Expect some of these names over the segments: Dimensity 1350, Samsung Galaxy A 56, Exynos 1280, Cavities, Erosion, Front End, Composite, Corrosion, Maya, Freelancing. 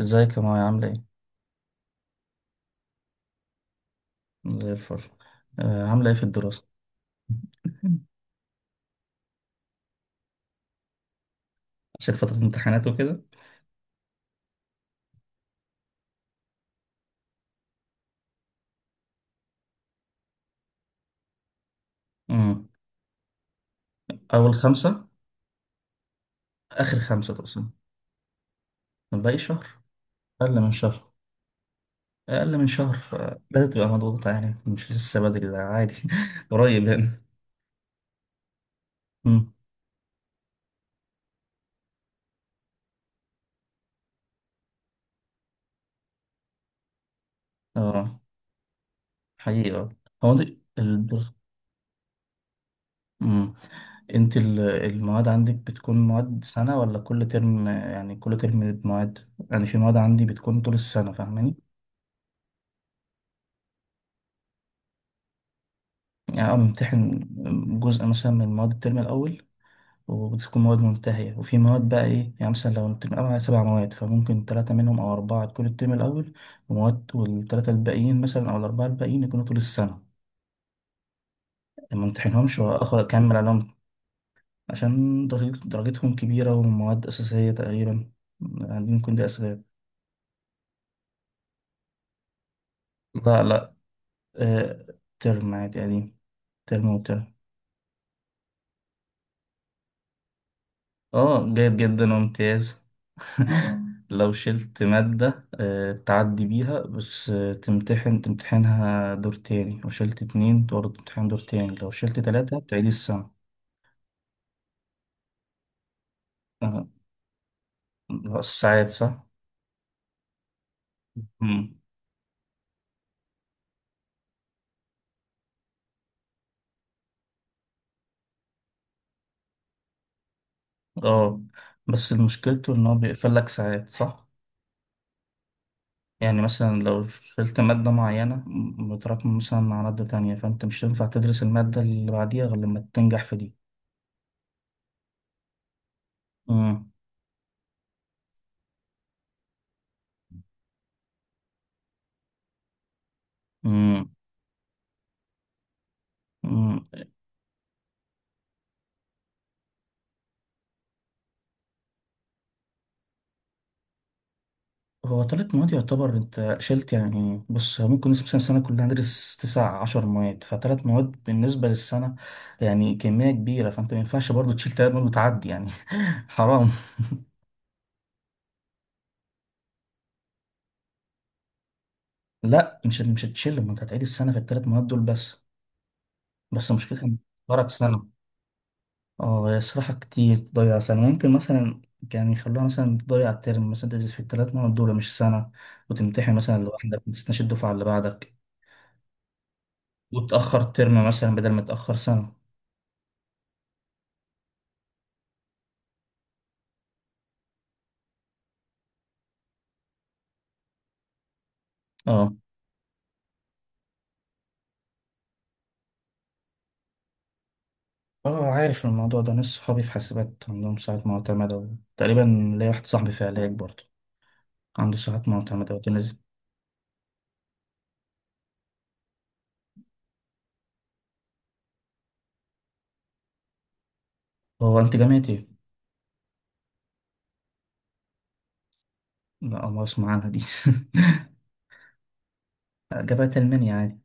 ازيك يا مايا عاملة ايه؟ زي الفل. عاملة ايه في الدراسة؟ عشان فترة امتحانات وكده. امم أول خمسة. آخر خمسة تقصد. باقي شهر. أقل من شهر. أقل من شهر بدأت تبقى مضغوطة، يعني مش لسه بدري، ده عادي قريب يعني. امم اه، حقيقة. هو انت ال... امم انت المواد عندك بتكون مواد سنة ولا كل ترم، يعني كل ترم مواد؟ يعني في مواد عندي بتكون طول السنة، فاهماني؟ يعني أنا بمتحن جزء مثلا من مواد الترم الأول، وبتكون مواد منتهية، وفي مواد بقى إيه، يعني مثلا لو الترم الأول على 7 مواد فممكن تلاتة منهم أو أربعة تكون الترم الأول، ومواد والتلاتة الباقيين مثلا أو الأربعة الباقيين يكونوا طول السنة ما امتحنهمش وآخد أكمل عليهم. عشان درجتهم كبيرة، ومواد أساسية تقريبا، يعني ممكن دي أسباب. لا لا، آه، ترم عادي قديم، ترم وترم. اه، جيد جدا وامتياز. لو شلت مادة تعدي بيها، بس تمتحنها دور تاني، لو شلت اتنين برضه تمتحن دور تاني، لو شلت تلاتة تعيد السنة. آه، الساعات صح؟ مم. اه. بس مشكلته ان هو بيقفل لك ساعات، صح؟ يعني مثلا لو شلت مادة معينة متراكمة مثلا مع مادة تانية، فانت مش هينفع تدرس المادة اللي بعديها غير لما تنجح في دي. مم. مم. هو تلات مواد يعتبر انت شلت. يعني بص هو ممكن نسبة مثلا السنة كلها ندرس 19 مادة، فتلات مواد بالنسبة للسنة يعني كمية كبيرة، فانت ما ينفعش برضو تشيل تلات مواد وتعدي يعني. حرام. لا مش هتشيل، ما انت هتعيد السنة في التلات مواد دول بس. بس مشكلتها إن فرق سنة. اه، هي صراحة كتير تضيع سنة ممكن مثلا. يعني يخلوها مثلا تضيع الترم مثلا، تدرس في التلات مواد دول مش سنة، وتمتحن مثلا لوحدك ما تستناش الدفعة اللي بعدك، وتأخر ترم مثلا بدل ما تأخر سنة. اه. اه عارف الموضوع ده، ناس صحابي في حاسبات عندهم ساعات معتمدة، تقريبا ليا واحد صاحبي في علاج برضه عنده ساعات معتمدة وتنزل. هو انت جامعة ايه؟ لا ما اسمع عنها دي. جامعة ألمانيا عادي،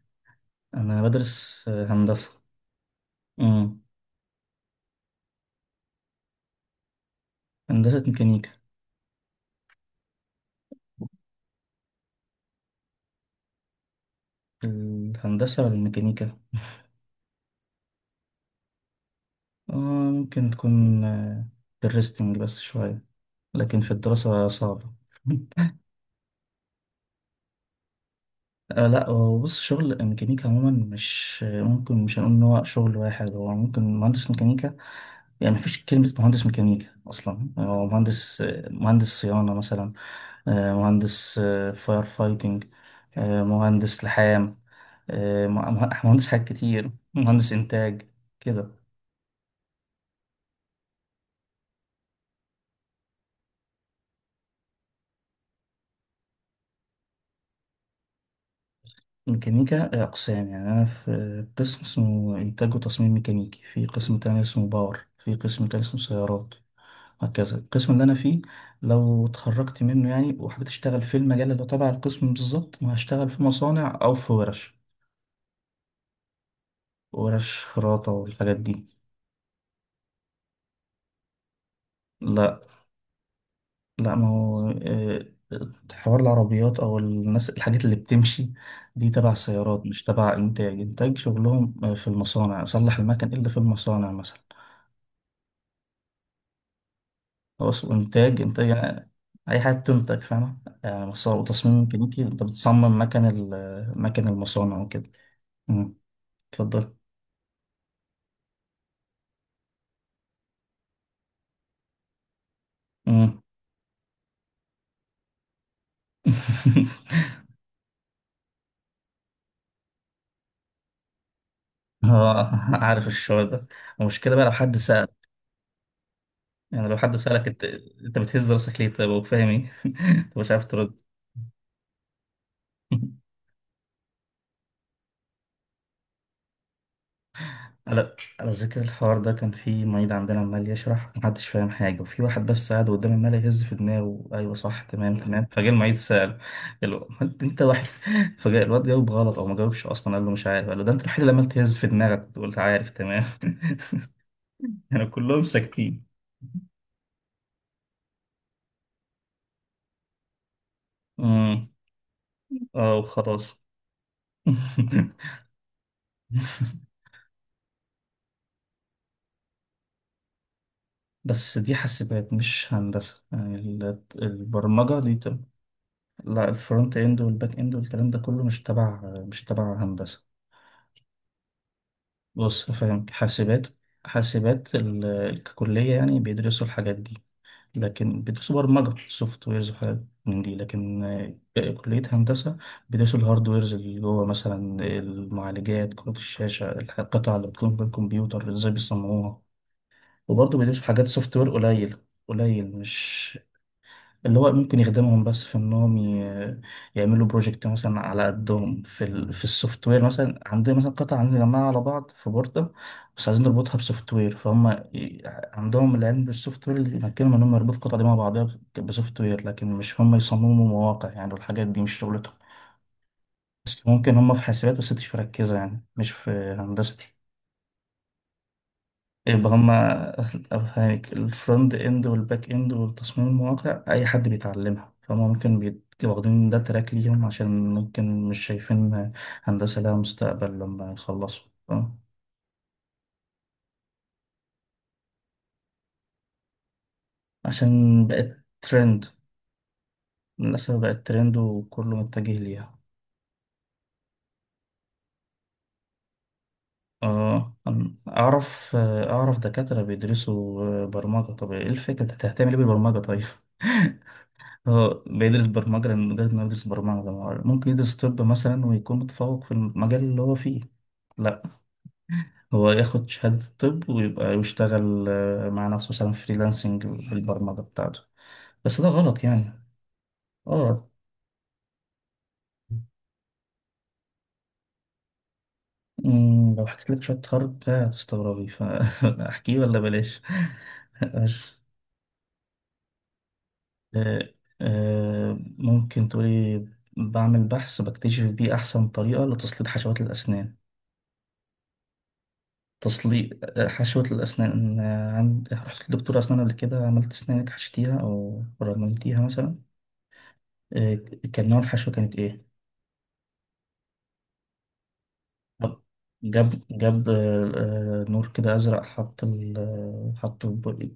أنا بدرس هندسة. امم. هندسة ميكانيكا. الهندسة والميكانيكا؟ اه. ممكن تكون في الريستنج بس شوية، لكن في الدراسة صعبة. آه لا، هو بص شغل ميكانيكا عموما مش ممكن، مش هنقول ان هو شغل واحد، هو ممكن مهندس ميكانيكا، يعني مفيش كلمة مهندس ميكانيكا أصلا، هو مهندس. مهندس صيانة مثلا، مهندس فاير فايتنج، مهندس لحام، مهندس حاجات كتير، مهندس إنتاج كده. ميكانيكا أقسام، يعني أنا في قسم اسمه إنتاج وتصميم ميكانيكي، في قسم تاني اسمه باور، في قسم تاني اسمه سيارات، وهكذا. القسم اللي انا فيه لو اتخرجت منه، يعني وحبيت اشتغل في المجال اللي تبع القسم بالظبط، ما هشتغل في مصانع او في ورش، ورش خراطة والحاجات دي. لا لا، ما هو حوار العربيات او الناس، الحاجات اللي بتمشي دي تبع السيارات مش تبع انتاج. انتاج شغلهم في المصانع، اصلح المكن اللي في المصانع مثلا. خلاص، انتاج انتاج يعني، اي حاجه بتنتج فاهمه، يعني مصانع وتصميم ميكانيكي، انت بتصمم مكن مكن المصانع وكده. مم. اتفضل. مم. اه عارف الشعور ده. المشكلة بقى لو حد سأل، يعني لو حد سألك انت، انت بتهز راسك ليه طيب وفاهم ايه؟ انت مش عارف ترد. على ذكر الحوار ده، كان في معيد عندنا عمال يشرح، محدش فاهم حاجة، وفي واحد بس قاعد قدام عمال يهز في دماغه: أيوة صح، تمام تمام. فجاء المعيد سأله، قال له: "أمال أنت وحيد". فجاء الواد جاوب غلط أو ما جاوبش أصلا، قال له مش عارف. قال له: ده أنت الوحيد اللي عمال تهز في دماغك وأنت قلت عارف تمام. يعني كلهم ساكتين. امم اه وخلاص. بس دي حاسبات مش هندسة، يعني البرمجة دي لا الفرونت اند والباك اند والكلام ده كله مش تبع، مش تبع هندسة. بص فاهم، حاسبات، حاسبات ككلية يعني بيدرسوا الحاجات دي، لكن بيدرسوا برمجة سوفت ويرز وحاجات من دي، لكن كلية هندسة بيدرسوا الهاردويرز اللي جوه، مثلا المعالجات، كروت الشاشة، القطع اللي بتكون بالكمبيوتر ازاي بيصمموها، وبرضه بيدوس في حاجات سوفت وير قليل. قليل مش، اللي هو ممكن يخدمهم بس في انهم يعملوا بروجكت مثلا على قدهم في في السوفت وير، مثلا عندنا مثلا قطعة، عندنا جماعة على بعض في بوردة، بس عايزين نربطها بسوفت وير، فهم ي- عندهم العلم بالسوفت وير اللي يمكنهم انهم يربطوا القطعة دي مع بعضها بسوفت وير، لكن مش هم يصمموا مواقع يعني، والحاجات دي مش شغلتهم. بس ممكن هم في حاسبات، بس مش مركزة، يعني مش في هندسة. يبقى هما، أفهمك، الفرونت إند والباك إند والتصميم المواقع أي حد بيتعلمها فهم ممكن واخدين ده تراك ليهم، عشان ممكن مش شايفين هندسة لها مستقبل لما يخلصوا، فاهم؟ عشان بقت ترند، للأسف بقت ترند وكله متجه ليها. اه أعرف أعرف دكاترة بيدرسوا برمجة. طب إيه الفكرة أنت هتهتم ليه بالبرمجة طيب؟ هو بيدرس برمجة لأن مجرد إنه يدرس برمجة، ما هو ممكن يدرس طب مثلا ويكون متفوق في المجال اللي هو فيه. لا، هو ياخد شهادة طب ويبقى يشتغل مع نفسه مثلا فريلانسنج في البرمجة بتاعته، بس ده غلط يعني. اه، لو حكيت لك شوية تخرج ده هتستغربي، فأحكيه ولا بلاش؟ ماشي. آه، ممكن تقولي. بعمل بحث بكتشف بيه أحسن طريقة لتسليط حشوات الأسنان، تصليق حشوة الأسنان. عند رحت لدكتور أسنان قبل كده، عملت أسنانك حشيتيها أو رممتيها مثلا؟ آه، كان نوع الحشوة كانت إيه؟ طب جاب نور كده أزرق، حط ال حط في بقي؟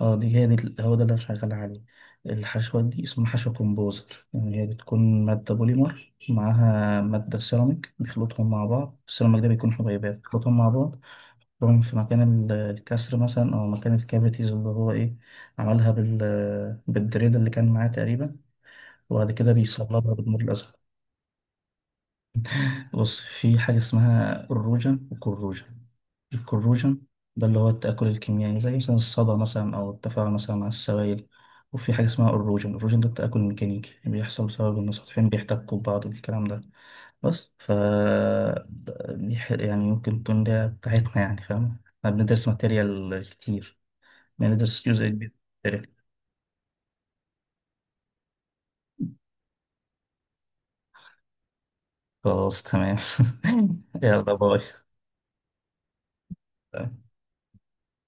اه، دي هي دي هو ده اللي أنا شغال عليه. الحشوة دي اسمها حشوة كومبوزر، يعني هي بتكون مادة بوليمر معاها مادة سيراميك، بيخلطهم مع بعض. السيراميك ده بيكون حبيبات، بيخلطهم مع بعض، بروم في مكان الكسر مثلا او مكان الكافيتيز اللي هو ايه عملها بال بالدريل اللي كان معاه تقريبا، وبعد كده بيصلبها بالنور الازرق. بص في حاجه اسمها الروجن والكروجن. الكروجن ده اللي هو التاكل الكيميائي، زي مثلا الصدى مثلا او التفاعل مثلا مع السوائل. وفي حاجه اسمها الروجن، الروجن ده التاكل الميكانيكي، بيحصل بسبب ان السطحين بيحتكوا ببعض الكلام ده. بس يعني ممكن تكون ده بتاعتنا يعني، فاهم؟ احنا بندرس ماتيريال كتير، بندرس جزء كبير من التاريخ. خلاص تمام. يلا باي.